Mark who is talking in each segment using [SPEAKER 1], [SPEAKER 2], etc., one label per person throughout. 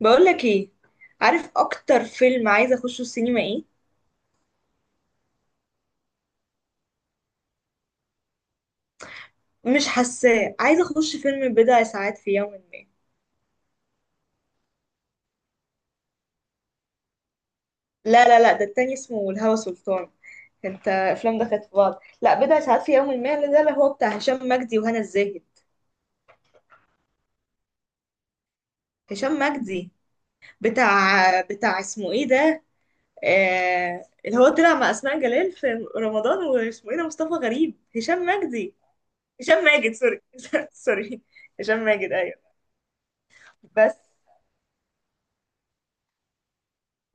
[SPEAKER 1] بقولك ايه؟ عارف اكتر فيلم عايزه اخشه السينما ايه؟ مش حاساه، عايزه اخش فيلم بضع ساعات في يوم ما. لا لا لا، ده التاني اسمه الهوى سلطان. انت افلام دخلت في بعض. لا، بضع ساعات في يوم ما ده اللي هو بتاع هشام مجدي وهنا الزاهد. هشام مجدي، بتاع اسمه ايه ده، اللي هو طلع مع اسماء جلال في رمضان. واسمه ايه ده؟ مصطفى غريب. هشام مجدي. هشام ماجد، سوري. سوري. هشام ماجد، ايوه. بس.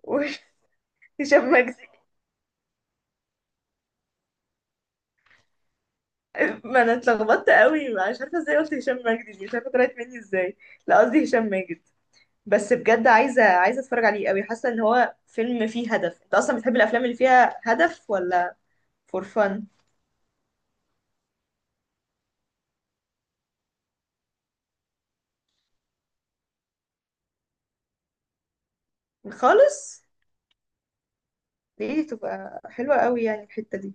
[SPEAKER 1] هشام مجدي. ما انا اتلخبطت قوي، مش عارفه ازاي قلت هشام ماجد دي، مش عارفه طلعت مني ازاي. لا، قصدي هشام ماجد. بس بجد عايزه اتفرج عليه قوي، حاسه ان هو فيلم فيه هدف. انت اصلا بتحب الافلام اللي فيها هدف ولا فور فن؟ خالص. دي تبقى حلوه قوي يعني الحته دي.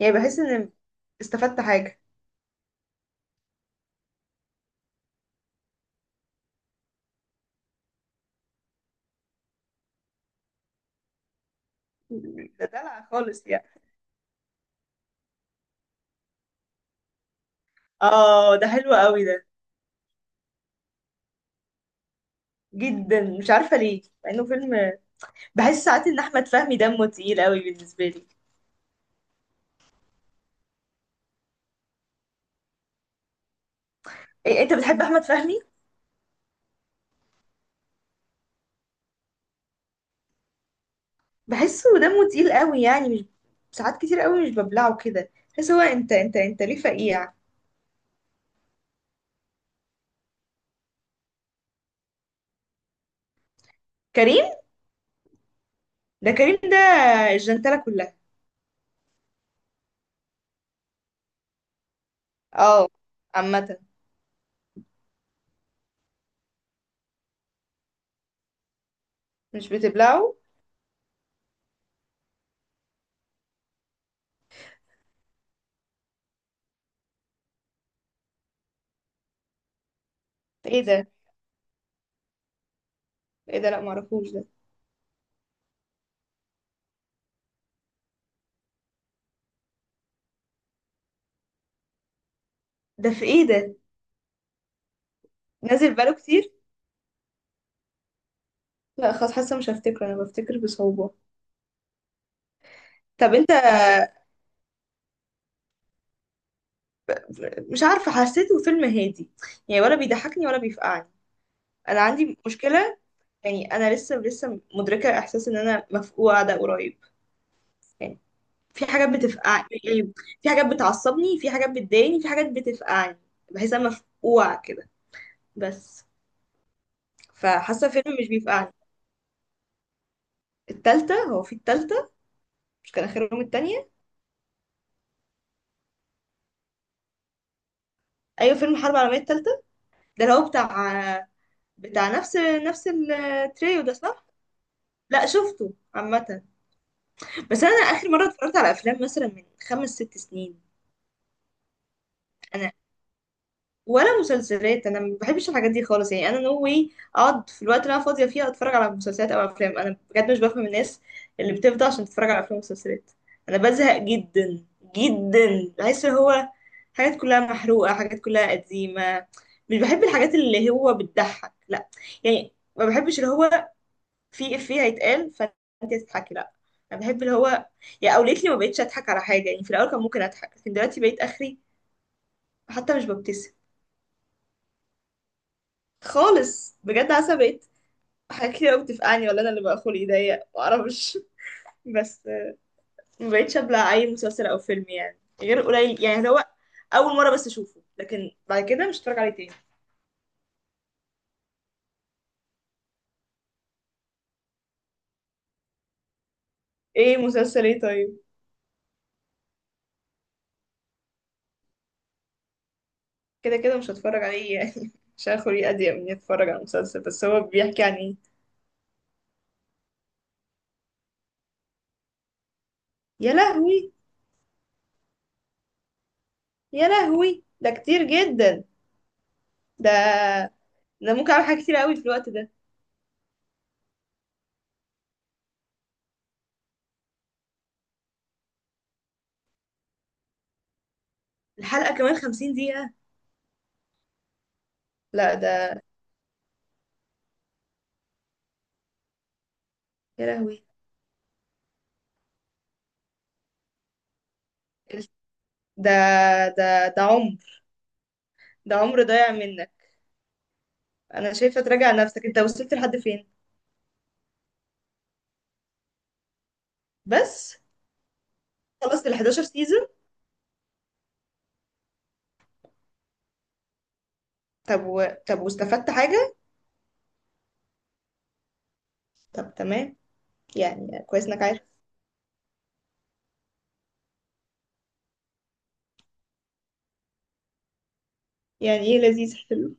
[SPEAKER 1] يعني بحس ان استفدت حاجه. ده دلع خالص يعني. اه، ده حلو قوي ده. جدا، مش عارفه ليه مع انه فيلم. بحس ساعات ان احمد فهمي دمه تقيل قوي بالنسبه لي. إيه، انت بتحب احمد فهمي؟ بحسه دمه تقيل قوي يعني. مش ساعات كتير قوي، مش ببلعه كده. بحس هو انت ليه فقيع؟ كريم. ده كريم ده الجنتلة كلها. اه. عامة، مش بتبلعه. في ايه ده؟ في ايه ده؟ لا معرفوش ده. ده في ايه ده نازل بقاله كتير؟ لا خلاص، حاسه مش هفتكره، انا بفتكر بصعوبة. طب انت. مش عارفه، حسيته فيلم هادي يعني، ولا بيضحكني ولا بيفقعني. انا عندي مشكله. يعني انا لسه مدركه احساس ان انا مفقوعه ده قريب، يعني، في حاجات بتفقع يعني، في حاجات بتعصبني، في حاجات بتضايقني، في حاجات بتفقعني. بحس انا مفقوعة كده بس. فحاسة فيلم مش بيفقعني. التالتة، هو في التالتة؟ مش كان آخرهم التانية؟ أيوة، فيلم الحرب العالمية التالتة ده اللي هو بتاع نفس التريو ده، صح؟ لا، شفته عامة. بس أنا آخر مرة اتفرجت على أفلام مثلا من خمس ست سنين. أنا ولا مسلسلات. انا ما بحبش الحاجات دي خالص يعني، انا نو واي. اقعد في الوقت اللي انا فاضيه فيه اتفرج على مسلسلات او افلام؟ انا بجد مش بفهم الناس اللي بتفضى عشان تتفرج على افلام ومسلسلات. انا بزهق جدا جدا. بحس إن هو حاجات كلها محروقه، حاجات كلها قديمه. مش بحب الحاجات اللي هو بتضحك، لا. يعني ما بحبش اللي هو في افيه هيتقال فانت هتضحكي، لا. انا بحب اللي هو يعني. او ليتلي ما بقتش اضحك على حاجه يعني، في الاول كان ممكن اضحك لكن دلوقتي بقيت اخري، حتى مش ببتسم. خالص، بجد عصبيت. حاجات كتير قوي بتفقعني، ولا انا اللي بقى خلقي ضيق، معرفش. بس ما بقتش ابلع اي مسلسل او فيلم يعني، غير قليل. يعني هو اول مره بس اشوفه، لكن بعد كده مش هتفرج عليه تاني. ايه مسلسل ايه طيب؟ كده كده مش هتفرج عليه يعني، مش هاخد اضيق من إني اتفرج على مسلسل. بس هو بيحكي عن ايه؟ يا لهوي. يا لهوي، ده كتير جدا. ده ده ممكن اعمل حاجات كتير قوي في الوقت ده. الحلقه كمان 50 دقيقة. لا ده، يا لهوي. ده، ده عمر. ده عمر ضايع منك. انا شايفه تراجع نفسك، انت وصلت لحد فين بس؟ خلصت ال 11 سيزون؟ طب واستفدت حاجه؟ طب تمام، يعني كويس انك عارف. يعني ايه لذيذ حلو؟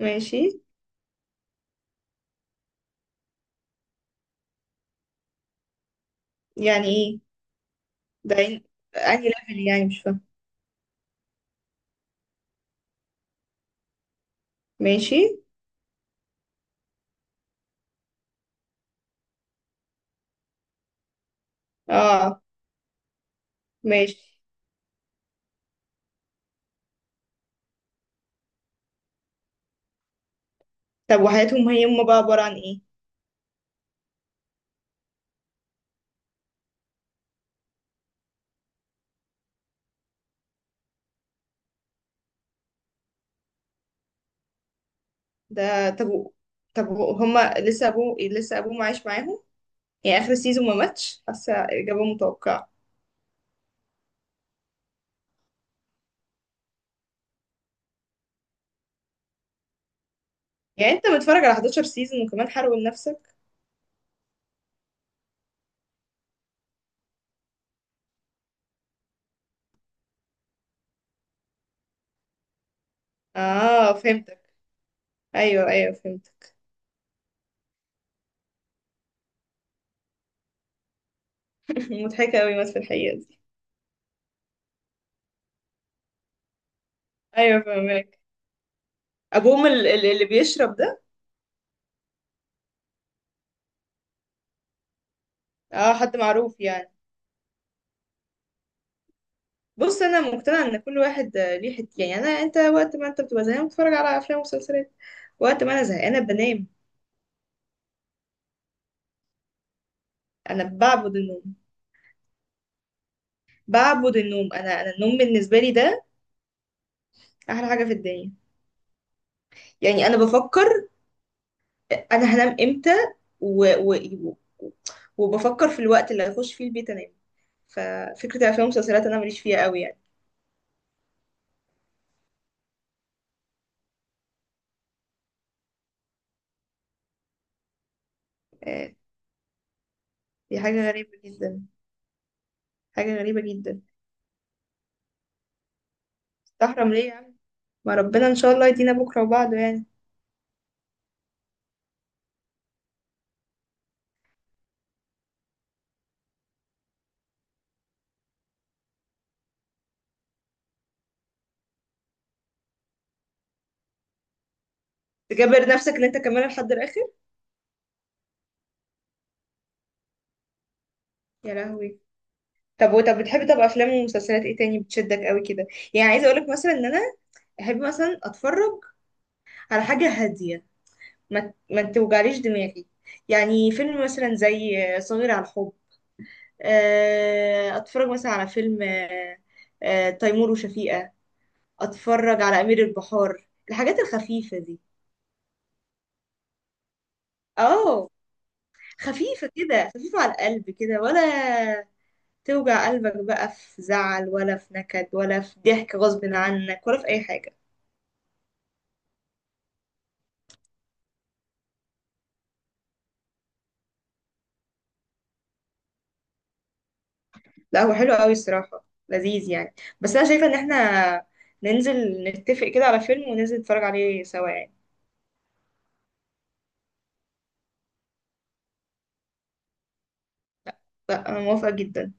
[SPEAKER 1] ماشي. يعني ايه ده؟ انهي ليفل يعني مش فاهم. ماشي. اه ماشي. طب وحياتهم هي هم بقى عباره عن ايه؟ ده. هما لسه ابوه عايش معاهم؟ يعني اخر سيزون ما ماتش؟ حاسه اجابه متوقعه. يعني انت متفرج على 11 سيزون وكمان حرقوا لنفسك؟ اه فهمت. ايوه ايوه فهمت. مضحكه قوي بس في الحقيقه دي. ايوه فهمك. ابوهم اللي بيشرب ده؟ اه، حد معروف يعني؟ بص، انا مقتنعه ان كل واحد ليه حته يعني. انت وقت ما انت بتبقى زهقان بتتفرج على افلام ومسلسلات. وقت ما انا زهقانه بنام. انا بعبد النوم. بعبد النوم انا النوم بالنسبه لي ده احلى حاجه في الدنيا. يعني انا بفكر انا هنام امتى. و... و... و- وبفكر في الوقت اللي هخش فيه البيت انام. ففكره الافلام والمسلسلات انا ماليش فيها قوي يعني. آه، دي حاجه غريبه جدا، حاجة غريبة جدا. تحرم ليه يعني؟ ما ربنا ان شاء الله يدينا بكرة وبعده يعني. تجبر نفسك ان انت كمان لحد الاخر؟ يا لهوي. طب، وطب بتحبي طب افلام ومسلسلات ايه تاني بتشدك قوي كده؟ يعني عايزة اقولك مثلا ان انا احب مثلا اتفرج على حاجة هادية، ما توجعليش دماغي. يعني فيلم مثلا زي صغير على الحب، اتفرج مثلا على فيلم تيمور وشفيقة، اتفرج على امير البحار، الحاجات الخفيفة دي. اه. خفيفة كده، خفيفة على القلب كده، ولا توجع قلبك بقى في زعل ولا في نكد ولا في ضحك غصب عنك ولا في أي حاجة؟ لا، هو حلو قوي الصراحة، لذيذ يعني. بس أنا شايفة إن احنا ننزل نتفق كده على فيلم وننزل نتفرج عليه سوا يعني. لا، أنا موافقة جدا.